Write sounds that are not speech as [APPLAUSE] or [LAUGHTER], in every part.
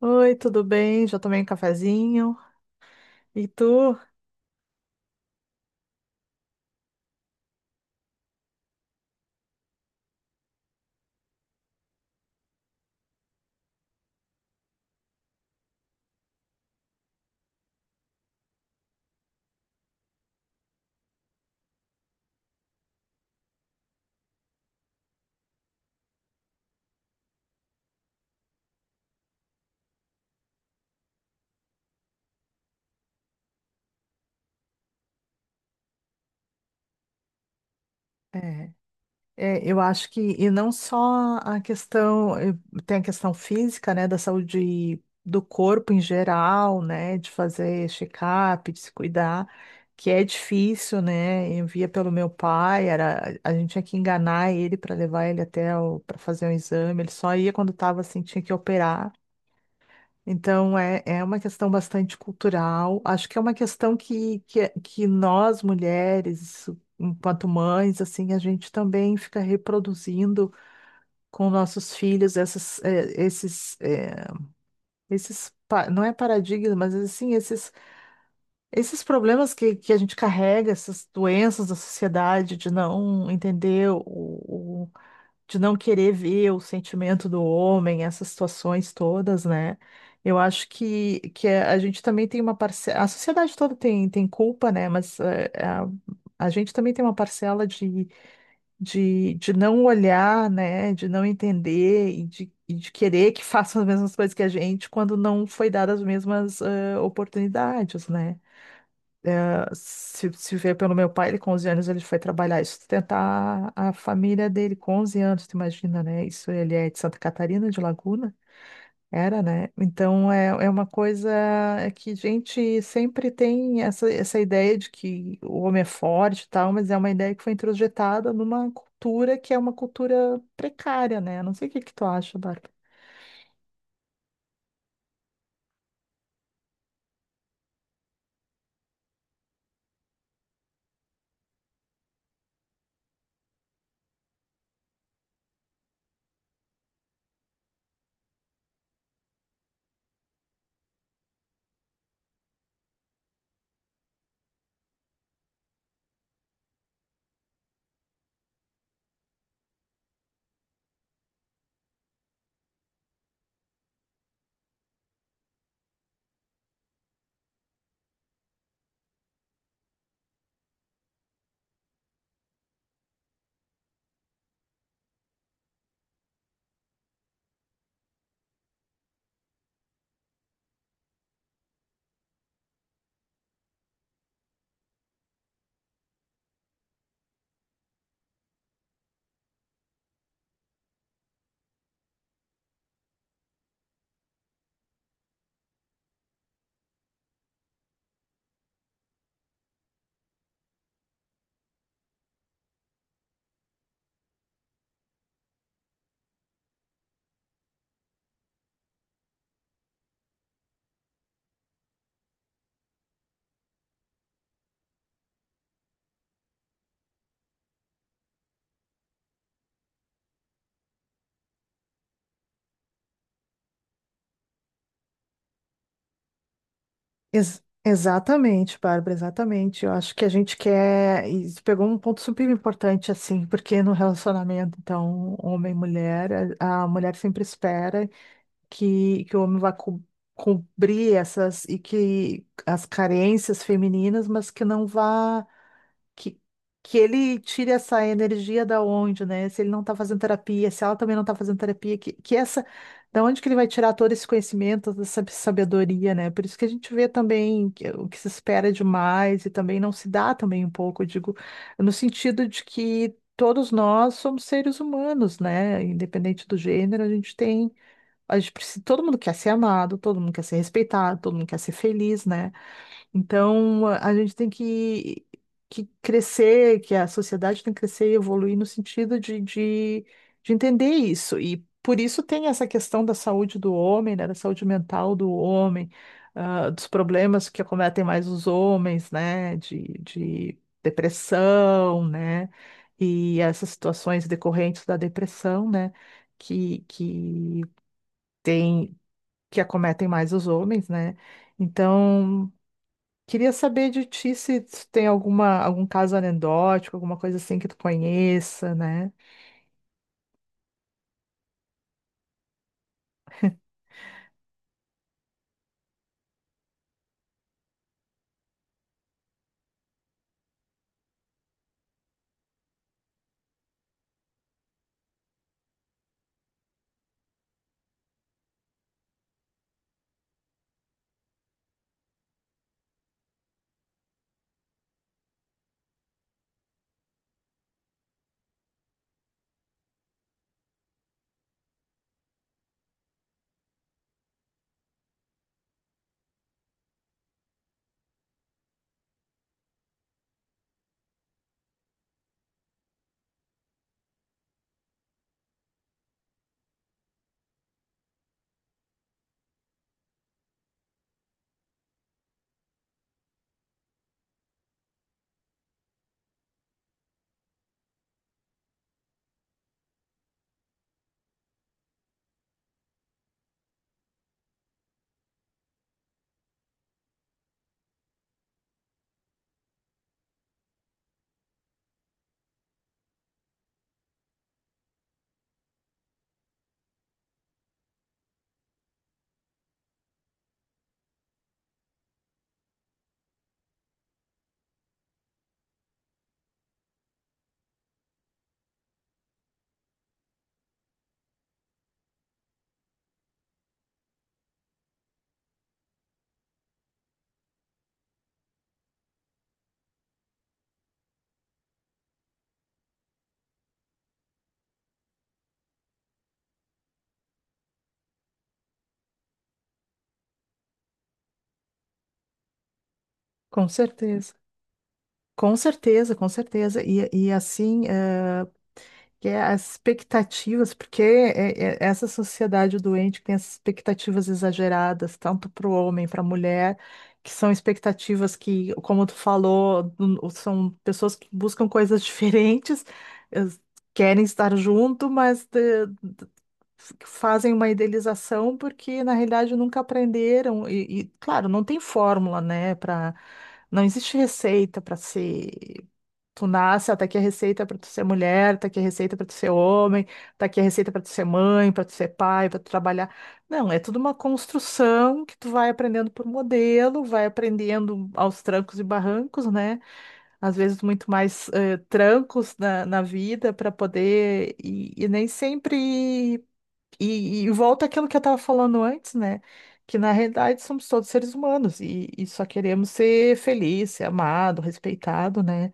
Oi, tudo bem? Já tomei um cafezinho. E tu? É, eu acho que, e não só a questão, tem a questão física, né, da saúde do corpo em geral, né, de fazer check-up, de se cuidar, que é difícil, né? Eu via pelo meu pai, era, a gente tinha que enganar ele para levar ele até para fazer um exame, ele só ia quando estava assim, tinha que operar. Então, é uma questão bastante cultural. Acho que é uma questão que nós, mulheres, enquanto mães, assim, a gente também fica reproduzindo com nossos filhos essas, esses, esses, não é paradigma, mas assim, esses, esses problemas que a gente carrega, essas doenças da sociedade, de não entender o, de não querer ver o sentimento do homem, essas situações todas, né? Eu acho que a gente também tem uma parcela, a sociedade toda tem, tem culpa, né? Mas a gente também tem uma parcela de não olhar, né? De não entender e de querer que [LAUGHS] façam as mesmas coisas que a gente quando não foi dadas as mesmas oportunidades, né? Se vê pelo meu pai, ele com 11 anos ele foi trabalhar e sustentar a família dele com 11 anos, tu imagina, né? Isso ele é de Santa Catarina, de Laguna, era, né? Então é uma coisa é que a gente sempre tem essa, essa ideia de que o homem é forte e tal, mas é uma ideia que foi introjetada numa cultura que é uma cultura precária, né? Não sei o que que tu acha, Bárbara. Exatamente, Bárbara, exatamente. Eu acho que a gente quer. Isso pegou um ponto super importante, assim, porque no relacionamento, então, homem e mulher, a mulher sempre espera que o homem cobrir essas e que as carências femininas, mas que não vá que, que ele tire essa energia da onde, né? Se ele não tá fazendo terapia, se ela também não tá fazendo terapia, que essa, da onde que ele vai tirar todo esse conhecimento, toda essa sabedoria, né? Por isso que a gente vê também que- o que se espera demais e também não se dá também um pouco, eu digo, no sentido de que todos nós somos seres humanos, né? Independente do gênero, a gente tem, a gente precisa, todo mundo quer ser amado, todo mundo quer ser respeitado, todo mundo quer ser feliz, né? Então, a gente tem que crescer, que a sociedade tem que crescer e evoluir no sentido de entender isso. E por isso tem essa questão da saúde do homem, né, da saúde mental do homem, ah, dos problemas que acometem mais os homens, né, de depressão, né, e essas situações decorrentes da depressão, né, que tem, que acometem mais os homens, né. Então, queria saber de ti se tu tem alguma, algum caso anedótico, alguma coisa assim que tu conheça, né? Com certeza. Com certeza, com certeza. E assim, que é as expectativas, porque é essa sociedade doente que tem essas expectativas exageradas, tanto para o homem, para a mulher, que são expectativas que, como tu falou, são pessoas que buscam coisas [LAUGHS] diferentes, eh, querem estar junto, mas fazem uma idealização porque na realidade nunca aprenderam e, claro, não tem fórmula, né, para não existe receita para ser tu nasce, ó, tá aqui a receita para tu ser mulher, tá aqui a receita para tu ser homem, tá aqui a receita para tu ser mãe, para tu ser pai, para tu trabalhar. Não, é tudo uma construção que tu vai aprendendo por modelo, vai aprendendo aos trancos e barrancos, né? Às vezes muito mais trancos na vida para poder e nem sempre e volta àquilo que eu estava falando antes, né? Que na realidade somos todos seres humanos e só queremos ser feliz, ser amado, respeitado, né?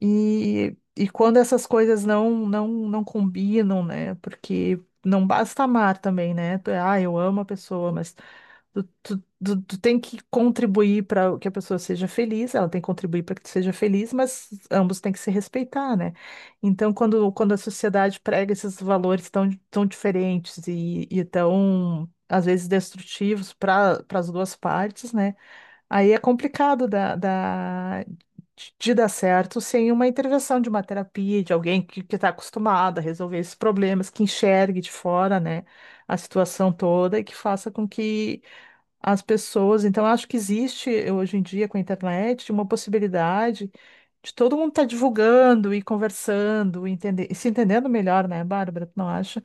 E quando essas coisas não combinam, né? Porque não basta amar também, né? Tu é, ah, eu amo a pessoa, mas tu tem que contribuir para que a pessoa seja feliz, ela tem que contribuir para que tu seja feliz, mas ambos têm que se respeitar, né? Então, quando a sociedade prega esses valores tão diferentes e tão, às vezes, destrutivos para para as duas partes, né? Aí é complicado de dar certo sem uma intervenção de uma terapia, de alguém que está acostumado a resolver esses problemas, que enxergue de fora, né? A situação toda e que faça com que as pessoas. Então, eu acho que existe hoje em dia com a internet uma possibilidade de todo mundo estar divulgando e conversando, entender, e se entendendo melhor, né, Bárbara? Tu não acha?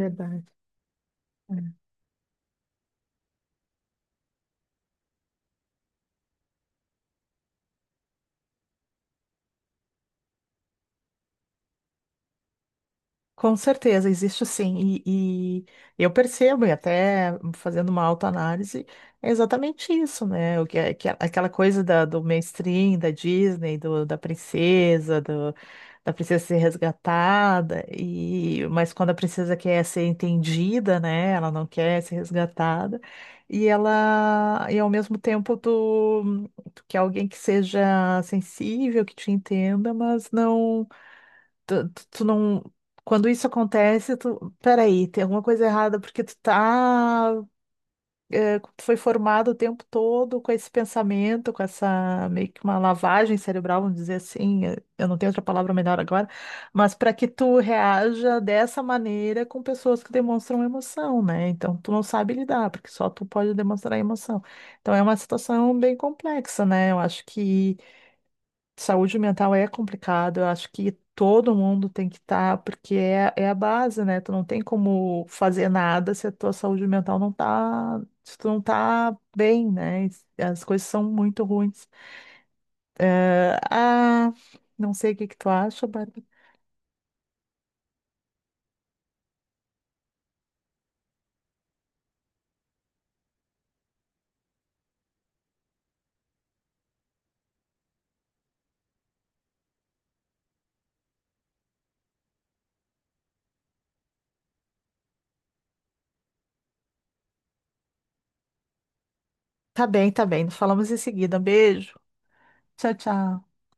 Verdade. Com certeza, existe sim. E eu percebo, e até fazendo uma autoanálise, é exatamente isso, né? O que é aquela coisa do mainstream, da Disney, da princesa, da princesa ser resgatada, e, mas quando a princesa quer ser entendida, né? Ela não quer ser resgatada, e ela, e ao mesmo tempo, tu, tu quer alguém que seja sensível, que te entenda, mas não tu não. Quando isso acontece, tu. Peraí, tem alguma coisa errada, porque tu tá. Tu foi formado o tempo todo com esse pensamento, com essa meio que uma lavagem cerebral, vamos dizer assim. Eu não tenho outra palavra melhor agora, mas para que tu reaja dessa maneira com pessoas que demonstram emoção, né? Então tu não sabe lidar, porque só tu pode demonstrar emoção. Então é uma situação bem complexa, né? Eu acho que. Saúde mental é complicado, eu acho que todo mundo tem que estar, porque é, é a base, né? Tu não tem como fazer nada se a tua saúde mental não tá, se tu não tá bem, né? As coisas são muito ruins. Eh, ah, não sei o que que tu acha, Bárbara. Tá bem, tá bem. Falamos em seguida. Beijo. Tchau, tchau.